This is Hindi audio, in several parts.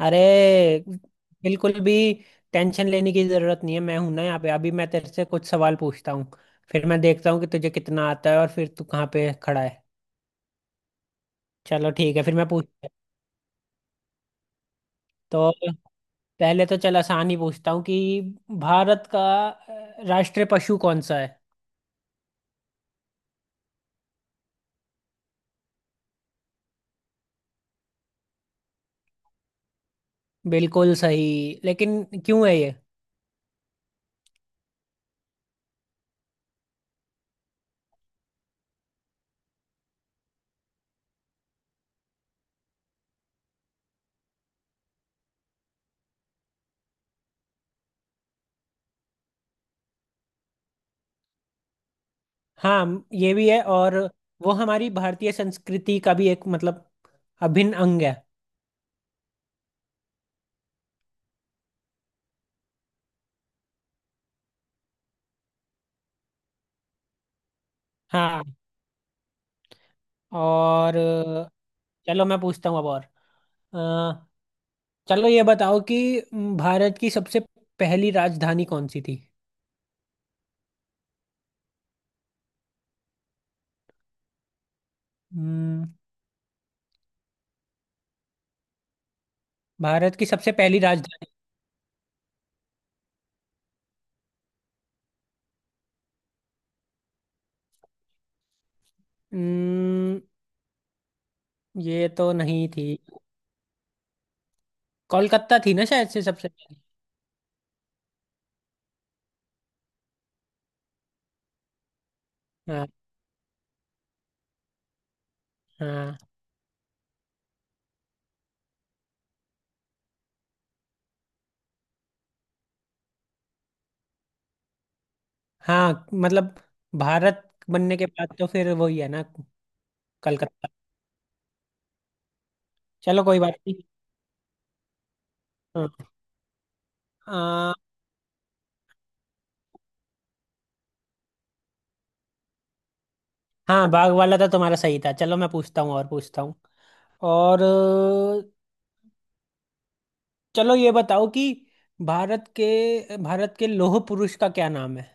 अरे बिल्कुल भी टेंशन लेने की जरूरत नहीं है। मैं हूं ना यहाँ पे। अभी मैं तेरे से कुछ सवाल पूछता हूँ, फिर मैं देखता हूँ कि तुझे कितना आता है और फिर तू कहाँ पे खड़ा है। चलो ठीक है फिर मैं पूछता हूँ। तो पहले तो चल आसान ही पूछता हूँ कि भारत का राष्ट्रीय पशु कौन सा है? बिल्कुल सही, लेकिन क्यों है ये? हाँ ये भी है, और वो हमारी भारतीय संस्कृति का भी एक मतलब अभिन्न अंग है। हाँ। और चलो मैं पूछता हूँ अब। और चलो ये बताओ कि भारत की सबसे पहली राजधानी कौन सी थी? हम्म, भारत की सबसे पहली राजधानी। हम्म, ये तो नहीं थी। कोलकाता थी ना शायद से सबसे पहली। हाँ हाँ हाँ। मतलब भारत बनने के बाद तो फिर वही है ना, कलकत्ता। चलो कोई बात नहीं। हाँ। आ, हाँ बाघ वाला तो तुम्हारा सही था। चलो मैं पूछता हूँ और पूछता हूँ। और चलो ये बताओ कि भारत के लौह पुरुष का क्या नाम है?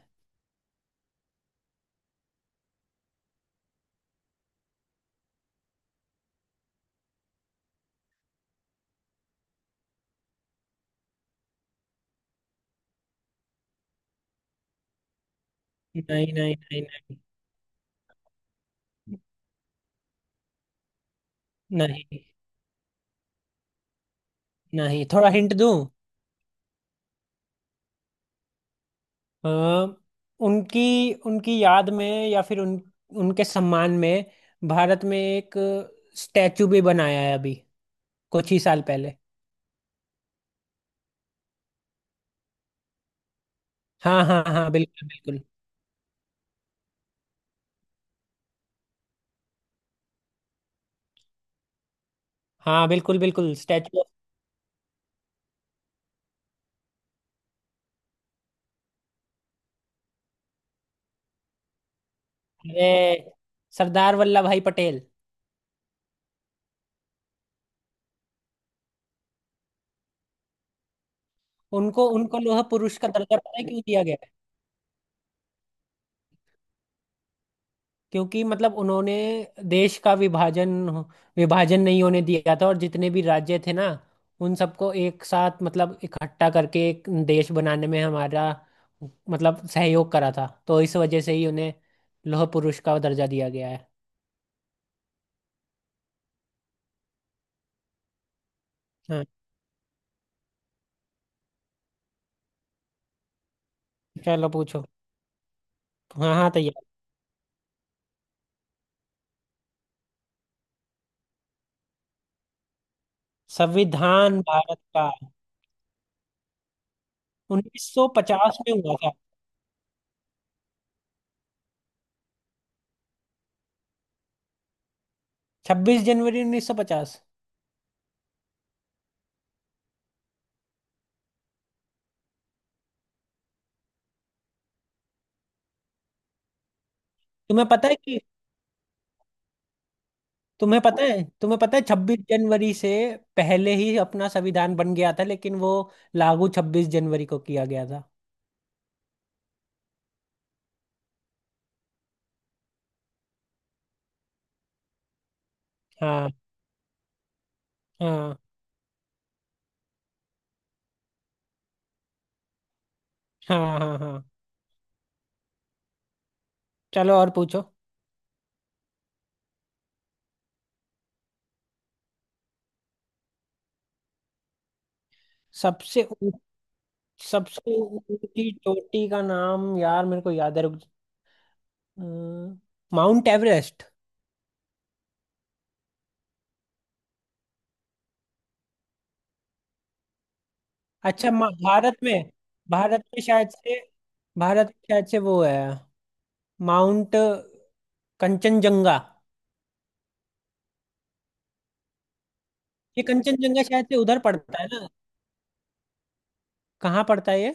नहीं नहीं नहीं नहीं नहीं। नहीं, थोड़ा हिंट दूं? अ, उनकी उनकी याद में या फिर उन उनके सम्मान में भारत में एक स्टैचू भी बनाया है अभी कुछ ही साल पहले। हाँ हाँ हाँ बिल्कुल बिल्कुल। हाँ बिल्कुल बिल्कुल, स्टैचू ऑफ-। अरे, सरदार वल्लभ भाई पटेल। उनको उनको लोह पुरुष का दर्जा पता है क्यों दिया गया? क्योंकि मतलब उन्होंने देश का विभाजन विभाजन नहीं होने दिया था, और जितने भी राज्य थे ना, उन सबको एक साथ मतलब इकट्ठा करके एक देश बनाने में हमारा मतलब सहयोग करा था। तो इस वजह से ही उन्हें लौह पुरुष का दर्जा दिया गया है। हाँ, चलो पूछो। हाँ हाँ तैयार। संविधान भारत का 1950 में हुआ था। 26 जनवरी 1950। तुम्हें पता है कि तुम्हें पता है छब्बीस जनवरी से पहले ही अपना संविधान बन गया था, लेकिन वो लागू छब्बीस जनवरी को किया गया था। हाँ हाँ हाँ। हाँ हाँ। चलो और पूछो। सबसे ऊ-, सबसे ऊंची चोटी का नाम यार मेरे को याद है, रुक। अम, माउंट एवरेस्ट। अच्छा, मा- भारत में। भारत में शायद से भारत में शायद से वो है, माउंट कंचनजंगा। ये कंचनजंगा शायद से उधर पड़ता है ना? कहाँ पड़ता है ये?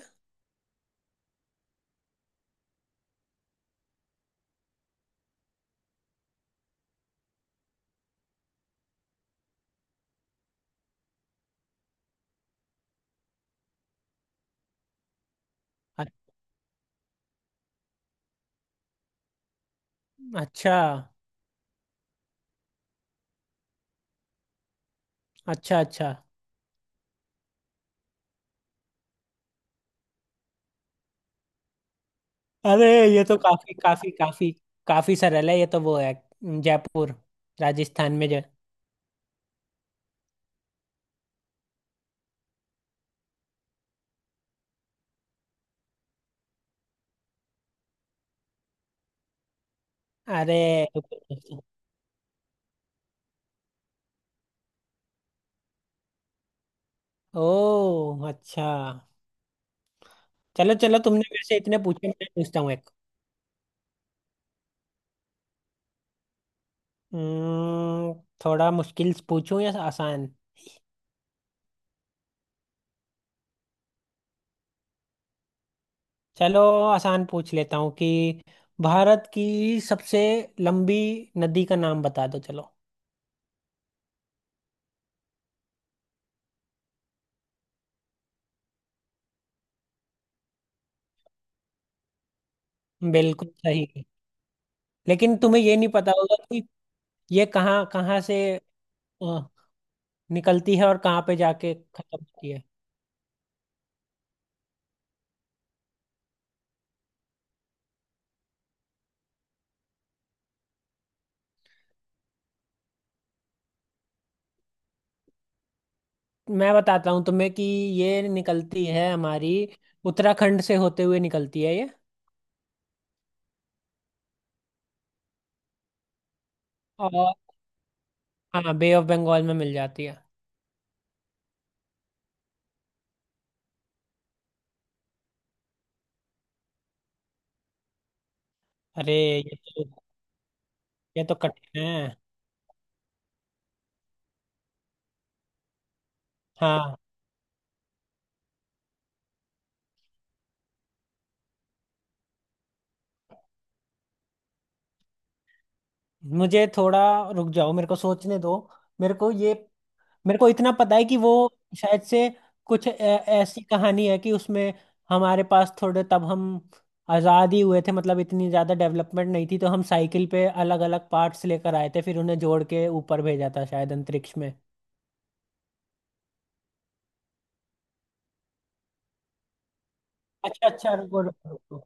अ- अच्छा अच्छा अच्छा। अरे, ये तो काफी काफी काफी काफी सरल है। ये तो वो है, जयपुर, राजस्थान में जो। अरे। ओ, अच्छा। चलो चलो, तुमने मेरे से इतने पूछे, मैं पूछता हूँ एक। हम्म, थोड़ा मुश्किल पूछूं या आसान? चलो आसान पूछ लेता हूँ कि भारत की सबसे लंबी नदी का नाम बता दो चलो। बिल्कुल सही। लेकिन तुम्हें ये नहीं पता होगा कि ये कहाँ कहाँ से निकलती है और कहाँ पे जाके खत्म होती है। मैं बताता हूँ तुम्हें कि ये निकलती है हमारी उत्तराखंड से होते हुए निकलती है ये। और हाँ, बे ऑफ बंगाल में मिल जाती है। अरे ये तो, ये तो कठिन है। हाँ, मुझे थोड़ा। रुक जाओ मेरे को सोचने दो। मेरे को ये मेरे को इतना पता है कि वो शायद से कुछ ऐसी कहानी है कि उसमें हमारे पास थोड़े, तब हम आज़ाद ही हुए थे, मतलब इतनी ज़्यादा डेवलपमेंट नहीं थी, तो हम साइकिल पे अलग अलग पार्ट्स लेकर आए थे फिर उन्हें जोड़ के ऊपर भेजा था शायद अंतरिक्ष में। अच्छा अच्छा, रुको रुको रुको।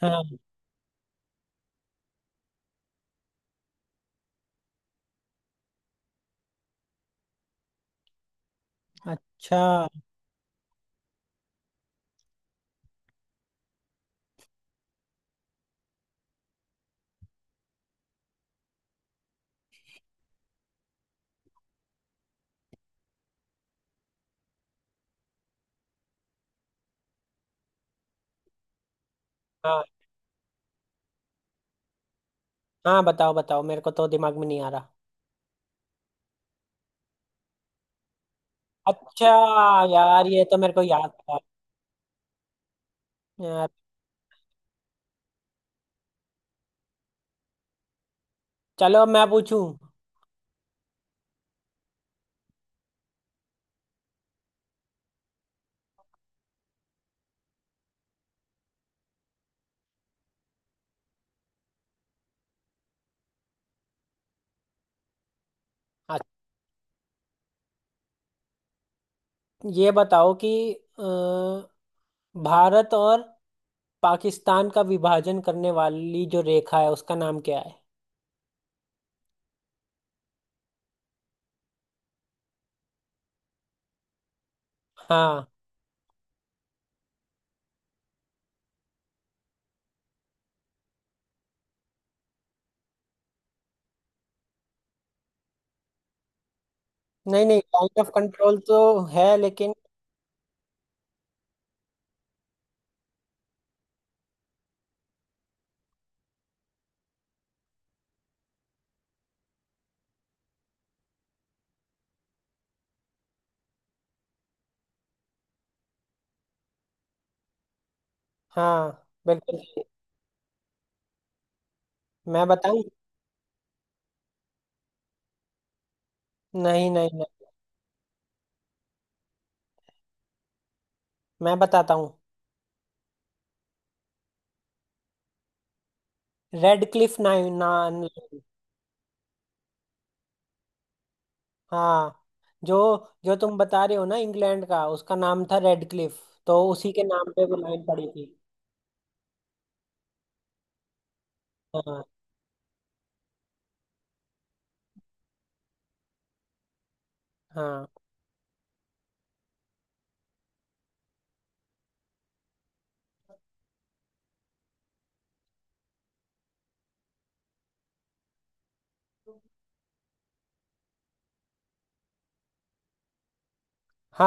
हाँ। अच्छा। हाँ हाँ बताओ बताओ, मेरे को तो दिमाग में नहीं आ रहा। अच्छा, यार ये तो मेरे को याद था। यार। चलो अब मैं पूछूं। अच्छा, ये बताओ कि अ, भारत और पाकिस्तान का विभाजन करने वाली जो रेखा है उसका नाम क्या है? हाँ। नहीं नहीं, पॉइंट ऑफ कंट्रोल तो है, लेकिन। हाँ बिल्कुल। मैं बताऊं? नहीं नहीं नहीं, मैं बताता हूँ। रेड क्लिफ नाइन नान। हाँ। जो, जो तुम बता रहे हो ना इंग्लैंड का, उसका नाम था रेड क्लिफ। तो उसी के नाम पे वो लाइन पड़ी थी। हाँ हाँ हाँ।